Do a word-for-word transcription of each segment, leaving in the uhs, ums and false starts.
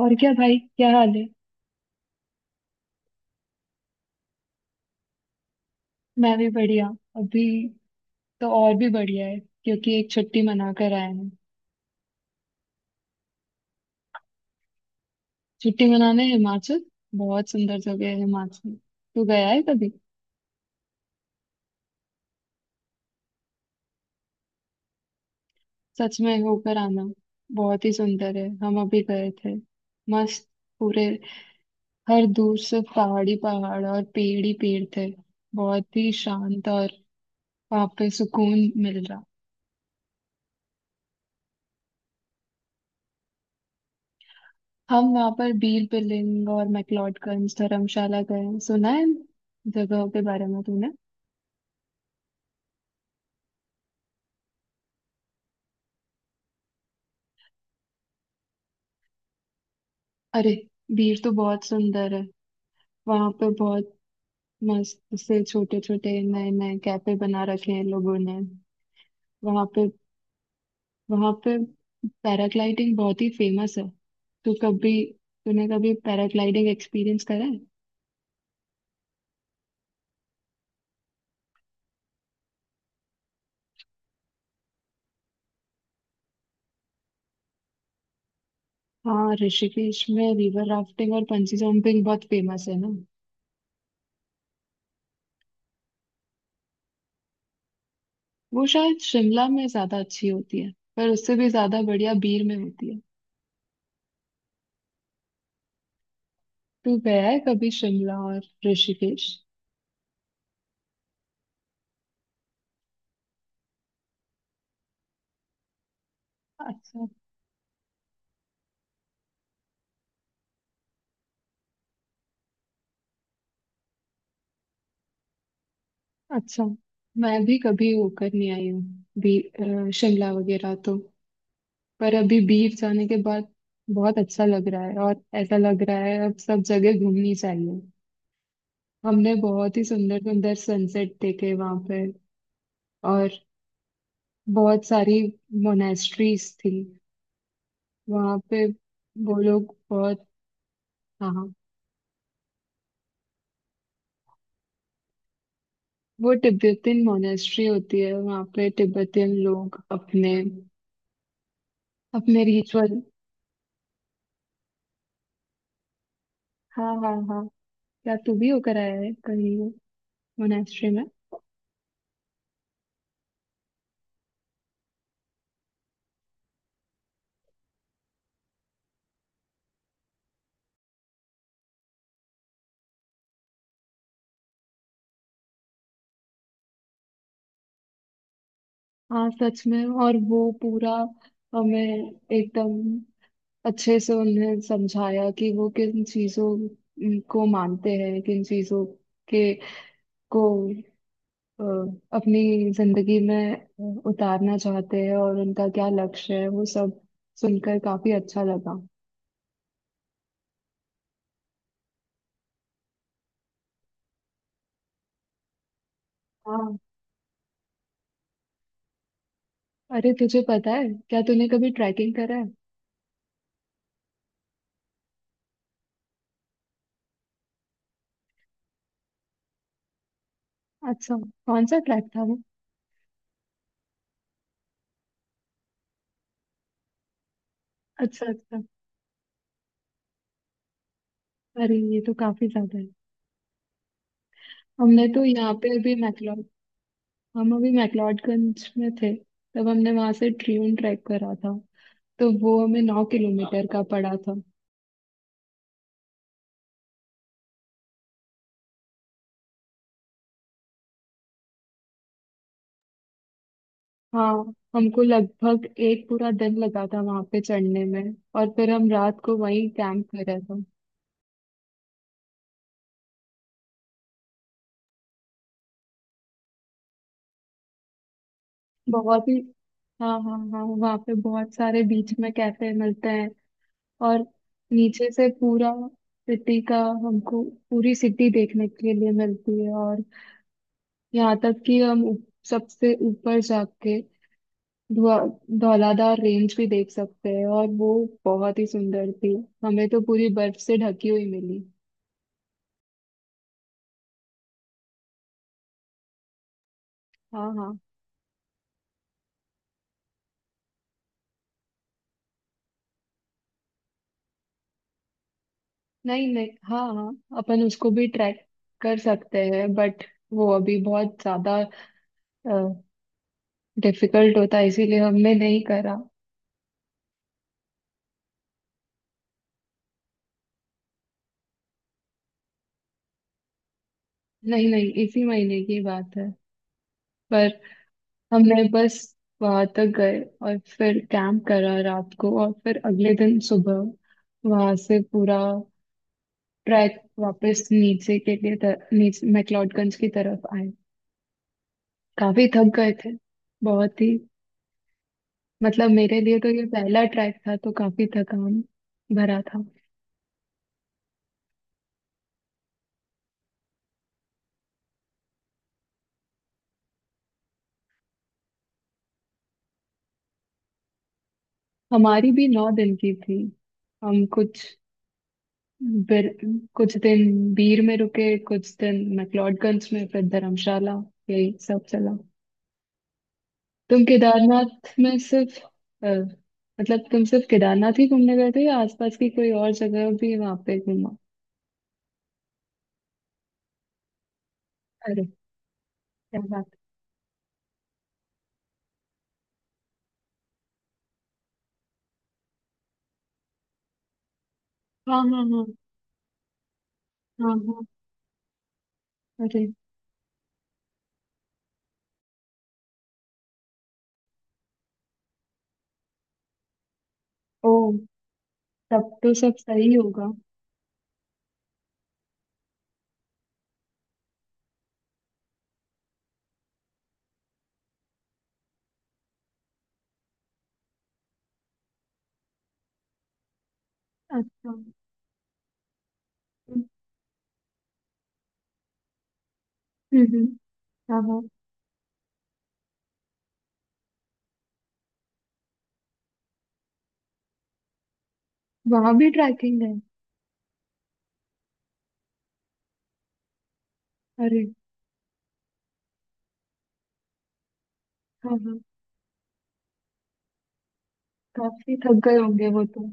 और क्या भाई, क्या हाल है। मैं भी बढ़िया। अभी तो और भी बढ़िया है, क्योंकि एक छुट्टी मना कर आए हैं। छुट्टी मनाने हिमाचल। बहुत सुंदर जगह है हिमाचल। तू गया है कभी। सच में होकर आना, बहुत ही सुंदर है। हम अभी गए थे। मस्त, पूरे, हर दूर से पहाड़ी पहाड़ और पेड़ ही पेड़ थे। बहुत ही शांत, और वहाँ पे सुकून मिल रहा। हम वहाँ पर बीर बिलिंग और मैक्लोडगंज धर्मशाला गए। सुना है इन जगहों के बारे में तूने। अरे, बीर तो बहुत सुंदर है। वहां पर बहुत मस्त से छोटे छोटे नए नए कैफे बना रखे हैं लोगों ने वहां पे। वहां पे पैराग्लाइडिंग बहुत ही फेमस है। तू कभी, तूने कभी पैराग्लाइडिंग एक्सपीरियंस करा है। हाँ, ऋषिकेश में रिवर राफ्टिंग और पंची जंपिंग बहुत फेमस है ना। वो शायद शिमला में ज्यादा अच्छी होती है, पर उससे भी ज्यादा बढ़िया बीर में होती है। तू गया है कभी शिमला और ऋषिकेश। अच्छा, अच्छा। मैं भी कभी होकर नहीं आई हूँ बी अ, शिमला वगैरह तो, पर अभी बीफ जाने के बाद बहुत अच्छा लग रहा है। और ऐसा लग रहा है अब सब जगह घूमनी चाहिए। हमने बहुत ही सुंदर सुंदर सनसेट देखे वहां पे। और बहुत सारी मोनेस्ट्रीज थी वहां पे। वो लोग बहुत, हाँ, वो तिब्बतियन मोनेस्ट्री होती है। वहां पे तिब्बतियन लोग अपने अपने रिचुअल। हाँ हाँ हाँ। क्या तू भी होकर आया है कहीं मोनेस्ट्री में। हाँ, सच में। और वो पूरा हमें एकदम अच्छे से उन्हें समझाया कि वो किन चीजों उम, को मानते हैं, किन चीजों के को अ, अपनी जिंदगी में अ, उतारना चाहते हैं और उनका क्या लक्ष्य है। वो सब सुनकर काफी अच्छा लगा। हाँ, अरे तुझे पता है, क्या तूने कभी ट्रैकिंग करा है। अच्छा, कौन सा ट्रैक था वो। अच्छा अच्छा। अरे, ये तो काफी ज्यादा है। हमने तो यहाँ पे भी मैक्लोडगंज, हम अभी मैक्लोडगंज में थे तब हमने वहां से ट्रियून ट्रैक करा था। तो वो हमें नौ किलोमीटर का पड़ा था। हाँ, हमको लगभग एक पूरा दिन लगा था वहां पे चढ़ने में। और फिर हम रात को वहीं कैंप करा था। बहुत ही, हाँ हाँ हाँ, वहाँ पे बहुत सारे बीच में कैफे मिलते हैं। और नीचे से पूरा सिटी का हमको, पूरी सिटी देखने के लिए मिलती है। और यहाँ तक कि हम ऊ- सबसे ऊपर जाके धुआं- धौलाधार रेंज भी देख सकते हैं। और वो बहुत ही सुंदर थी। हमें तो पूरी बर्फ से ढकी हुई मिली। हाँ हाँ। नहीं नहीं, हाँ हाँ, अपन उसको भी ट्रैक कर सकते हैं बट वो अभी बहुत ज्यादा डिफिकल्ट होता है, इसीलिए हमने नहीं करा। नहीं नहीं, इसी महीने की बात है। पर हमने बस वहां तक गए, और फिर कैंप करा रात को और फिर अगले दिन सुबह वहां से पूरा ट्रैक वापस नीचे के लिए, तर, नीचे मैक्लोडगंज की तरफ आए। काफी थक गए थे। बहुत ही, मतलब मेरे लिए तो ये पहला ट्रैक था, तो काफी थकान भरा था। हमारी भी नौ दिन की थी। हम कुछ बिर, कुछ दिन बीर में रुके, कुछ दिन मैक्लोडगंज में, फिर धर्मशाला। यही सब चला। तुम केदारनाथ में सिर्फ, अ, मतलब तुम सिर्फ केदारनाथ ही घूमने गए थे या आसपास की कोई और जगह भी वहां पे घूमा। अरे, क्या। हाँ हाँ हाँ। हाँ हाँ। अरे। ओ, तब तो सब सही होगा। अच्छा। हम्म हम्म। हाँ हाँ, वहां भी ट्रैकिंग है। अरे। हाँ हाँ। काफी थक गए होंगे वो तो।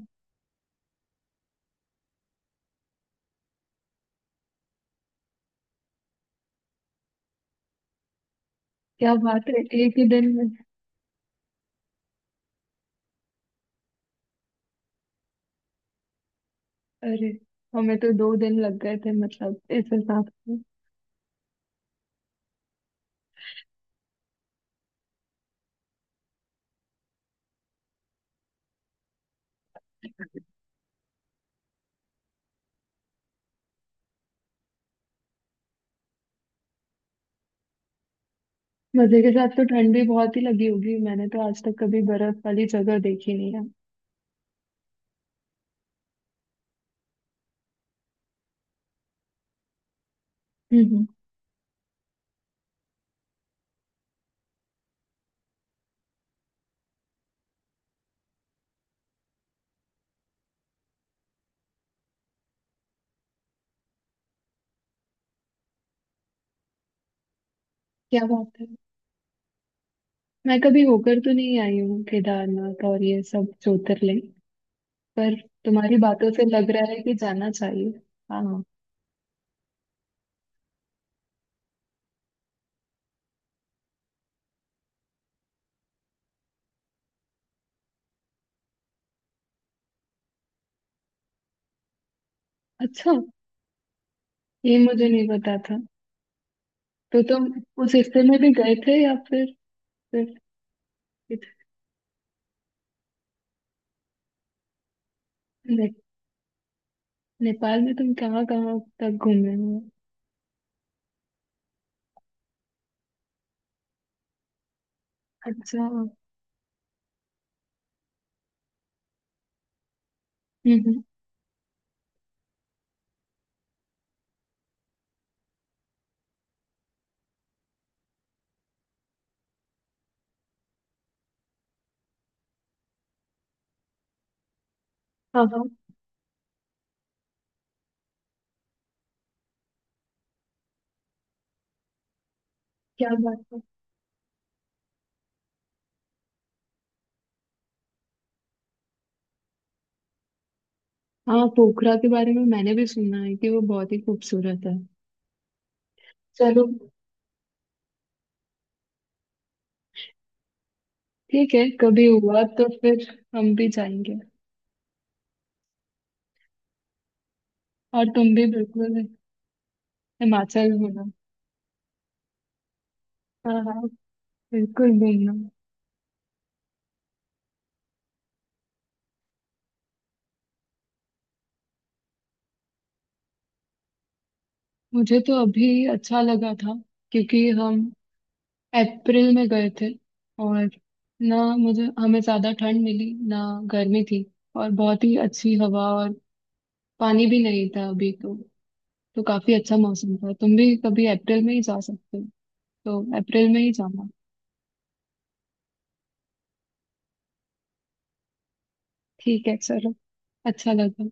क्या बात है, एक ही दिन में। अरे, हमें तो दो दिन लग गए थे मतलब, इस हिसाब से। मजे के साथ तो ठंड भी बहुत ही लगी होगी। मैंने तो आज तक कभी बर्फ वाली जगह देखी नहीं है। हम्म, हम्म, क्या बात है। मैं कभी होकर तो नहीं आई हूँ केदारनाथ और ये सब ज्योतिर्लिंग, पर तुम्हारी बातों से लग रहा है कि जाना चाहिए। हाँ। अच्छा, ये मुझे नहीं पता था। तो तुम उस हिस्से में भी गए थे या फिर सिर्फ, इत- ने, नेपाल में तुम कहाँ कहाँ तक घूमे हुए हो? अच्छा। हम्म। हाँ हाँ। क्या बात है। हाँ, पोखरा के बारे में मैंने भी सुना है कि वो बहुत ही खूबसूरत है। चलो, ठीक है, कभी हुआ तो फिर हम भी जाएंगे। और तुम भी बिल्कुल हिमाचल घूमना। हाँ हाँ, बिल्कुल घूमना। मुझे तो अभी अच्छा लगा था, क्योंकि हम अप्रैल में गए थे। और ना मुझे, हमें ज्यादा ठंड मिली ना गर्मी थी। और बहुत ही अच्छी हवा, और पानी भी नहीं था अभी तो। तो काफी अच्छा मौसम था। तुम भी कभी अप्रैल में ही जा सकते हो, तो अप्रैल में ही जाना। ठीक है, चलो, अच्छा लगा।